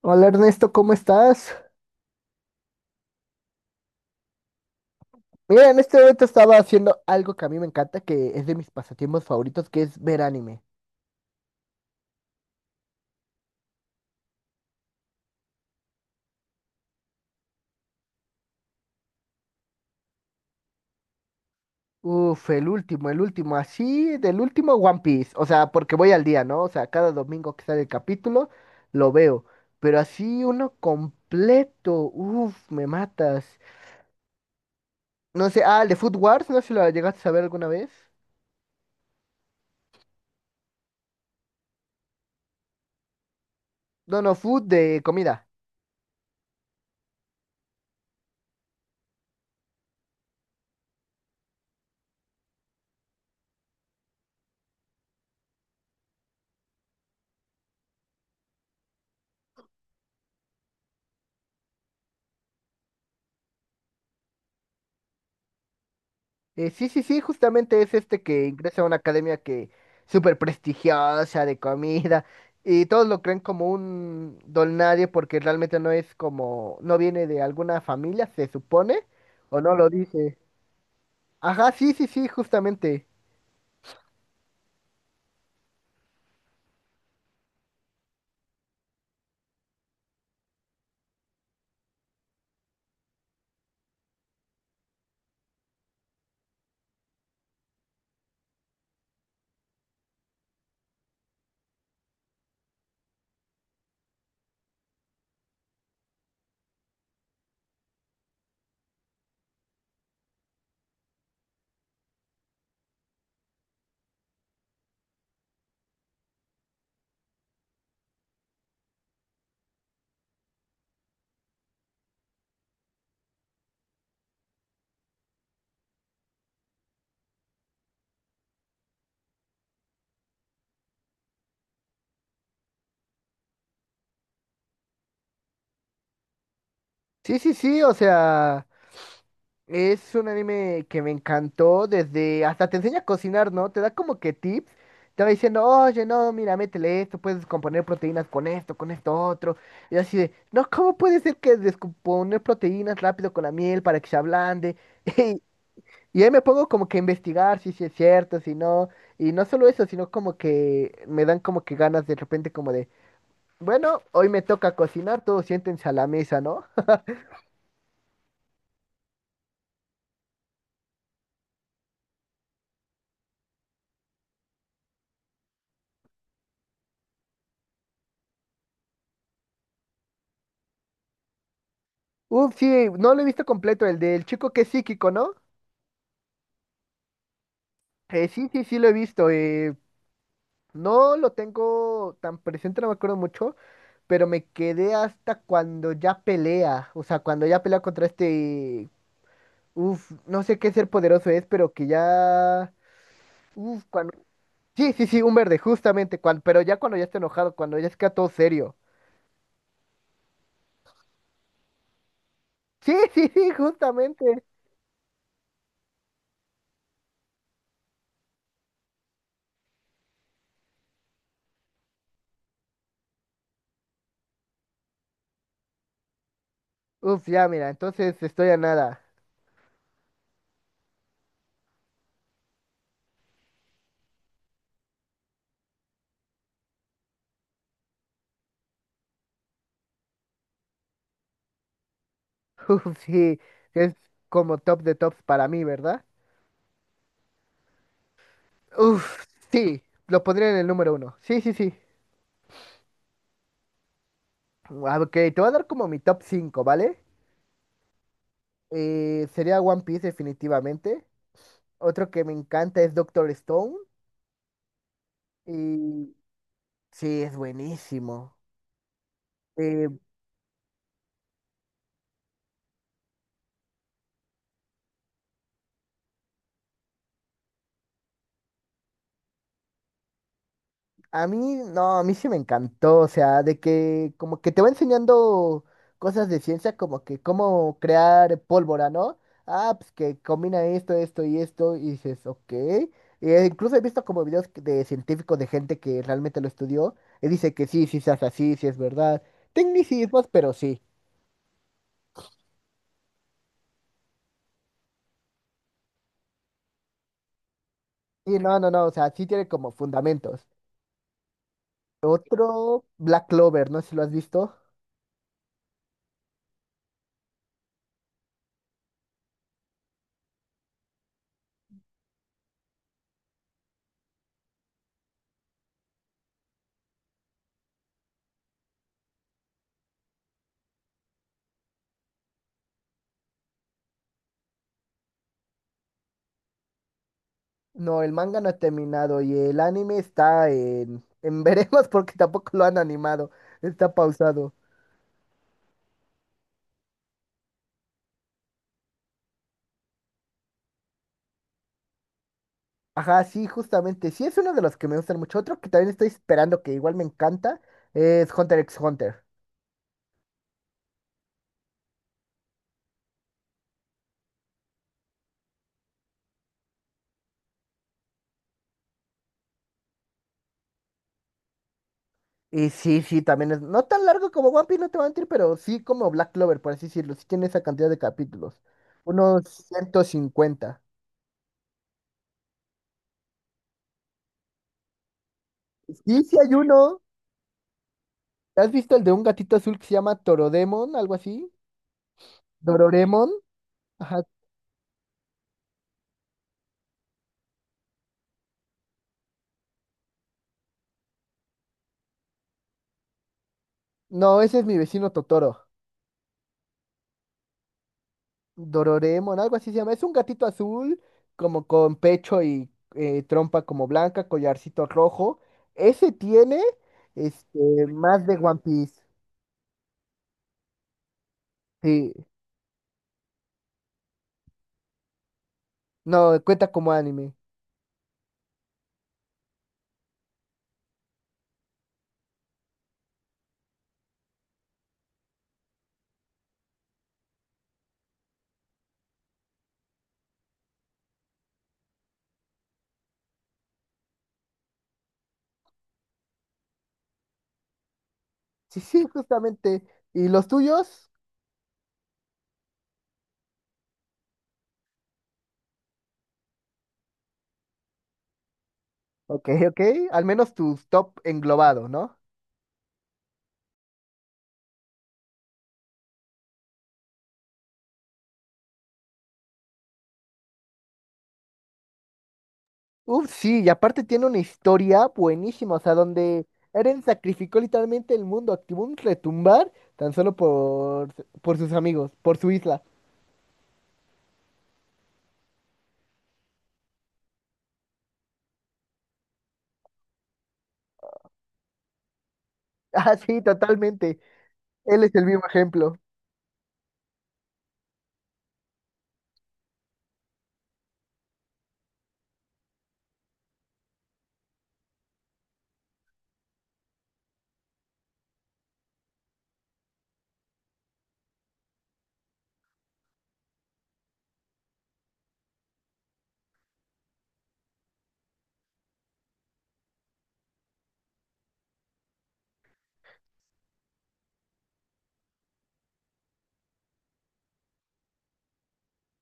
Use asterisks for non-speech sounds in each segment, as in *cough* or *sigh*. Hola Ernesto, ¿cómo estás? Mira, en este momento estaba haciendo algo que a mí me encanta, que es de mis pasatiempos favoritos, que es ver anime. Uf, el último, así, del último One Piece. O sea, porque voy al día, ¿no? O sea, cada domingo que sale el capítulo, lo veo. Pero así uno completo, uf, me matas. No sé, ah, el de Food Wars, no sé si lo llegaste a ver alguna vez. No, no, Food de comida. Sí, sí, sí, justamente es este que ingresa a una academia que súper prestigiosa de comida y todos lo creen como un don nadie porque realmente no es como, no viene de alguna familia, se supone, o no lo dice. Ajá, sí, sí, sí, justamente. Sí, sí, sí, o sea... Es un anime que me encantó desde, hasta te enseña a cocinar, ¿no? Te da como que tips. Te va diciendo, oye, no, mira, métele esto, puedes componer proteínas con esto otro. Y así de, no, ¿cómo puede ser que descomponer proteínas rápido con la miel para que se ablande? *laughs* Y ahí me pongo como que a investigar si sí es cierto, si no. Y no solo eso, sino como que me dan como que ganas de repente como de, bueno, hoy me toca cocinar, todos siéntense a la mesa, ¿no? *laughs* Uf, sí, no lo he visto completo, el del chico que es psíquico, ¿no? Sí, sí, sí lo he visto. No lo tengo tan presente, no me acuerdo mucho, pero me quedé hasta cuando ya pelea. O sea, cuando ya pelea contra este... Uf, no sé qué ser poderoso es, pero que ya... Uf, cuando... Sí, sí, sí, un verde, justamente, cuando pero ya cuando ya está enojado, cuando ya está todo serio. Sí, *laughs* sí, sí, justamente. Uf, ya, mira, entonces estoy a nada. *laughs* Uf, sí, es como top de tops para mí, ¿verdad? Uf, sí, lo pondría en el número uno. Sí, sí, sí. Ah, ok, te voy a dar como mi top 5, ¿vale? Sería One Piece definitivamente. Otro que me encanta es Doctor Stone. Y sí, es buenísimo. Eh, A mí, no, a mí sí me encantó, o sea, de que como que te va enseñando cosas de ciencia, como que cómo crear pólvora, ¿no? Ah, pues que combina esto, esto y esto, y dices, ok. E incluso he visto como videos que- de científicos, de gente que realmente lo estudió, y dice que sí, sí se hace así, sí es verdad. Tecnicismos, pero sí. Y no, no, no, o sea, sí tiene como fundamentos. Otro, Black Clover, no sé si lo has visto. No, el manga no ha terminado y el anime está en *laughs* veremos porque tampoco lo han animado. Está pausado. Ajá, sí, justamente. Sí, es uno de los que me gustan mucho. Otro que también estoy esperando, que igual me encanta, es Hunter x Hunter. Y sí, sí, también es no tan largo como One Piece, no te voy a mentir, pero sí como Black Clover, por así decirlo. Sí tiene esa cantidad de capítulos. Unos 150. Sí, sí hay uno. ¿Has visto el de un gatito azul que se llama Torodemon, algo así? Dororemon. Ajá. No, ese es mi vecino Totoro. Dororemon, algo así se llama. Es un gatito azul, como con pecho y trompa como blanca, collarcito rojo. Ese tiene este más de One Piece. Sí, no, cuenta como anime. Sí, sí, justamente. ¿Y los tuyos? Ok, ok. Al menos tus top englobado, ¿no? Uf, sí, y aparte tiene una historia buenísima, o sea, donde Eren sacrificó literalmente el mundo, activó un retumbar tan solo por sus amigos, por su isla. Ah, sí, totalmente. Él es el mismo ejemplo.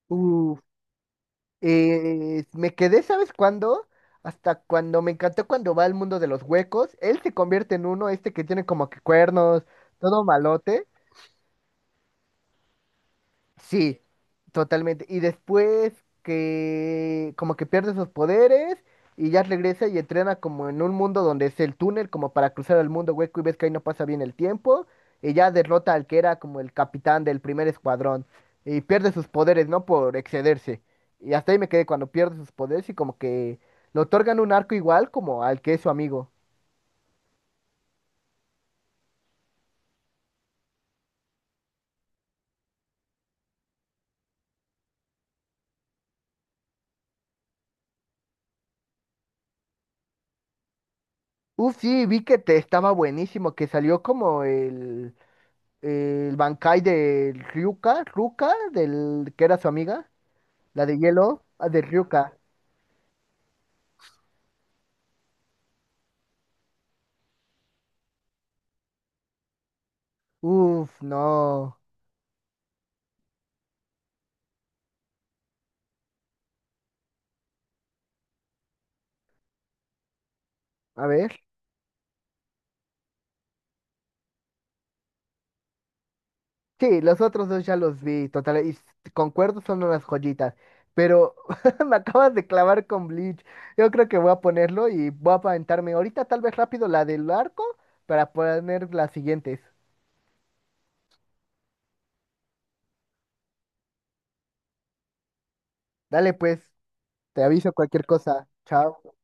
Uf. Me quedé, ¿sabes cuándo? Hasta cuando me encantó cuando va al mundo de los huecos. Él se convierte en uno, este que tiene como que cuernos, todo malote. Sí, totalmente. Y después que como que pierde sus poderes y ya regresa y entrena como en un mundo donde es el túnel, como para cruzar el mundo hueco y ves que ahí no pasa bien el tiempo. Y ya derrota al que era como el capitán del primer escuadrón. Y pierde sus poderes, ¿no? Por excederse. Y hasta ahí me quedé cuando pierde sus poderes y como que le otorgan un arco igual como al que es su amigo. Uf, sí, vi que te estaba buenísimo, que salió como el Bankai de Ryuka, Ruka, del que era su amiga, la de hielo, ah, de Ryuka. Uf, no. A ver. Sí, los otros dos ya los vi, total, y s- concuerdo, son unas joyitas. Pero *laughs* me acabas de clavar con Bleach. Yo creo que voy a ponerlo y voy a aventarme ahorita tal vez rápido la del arco para poner las siguientes. Dale pues, te aviso cualquier cosa. Chao.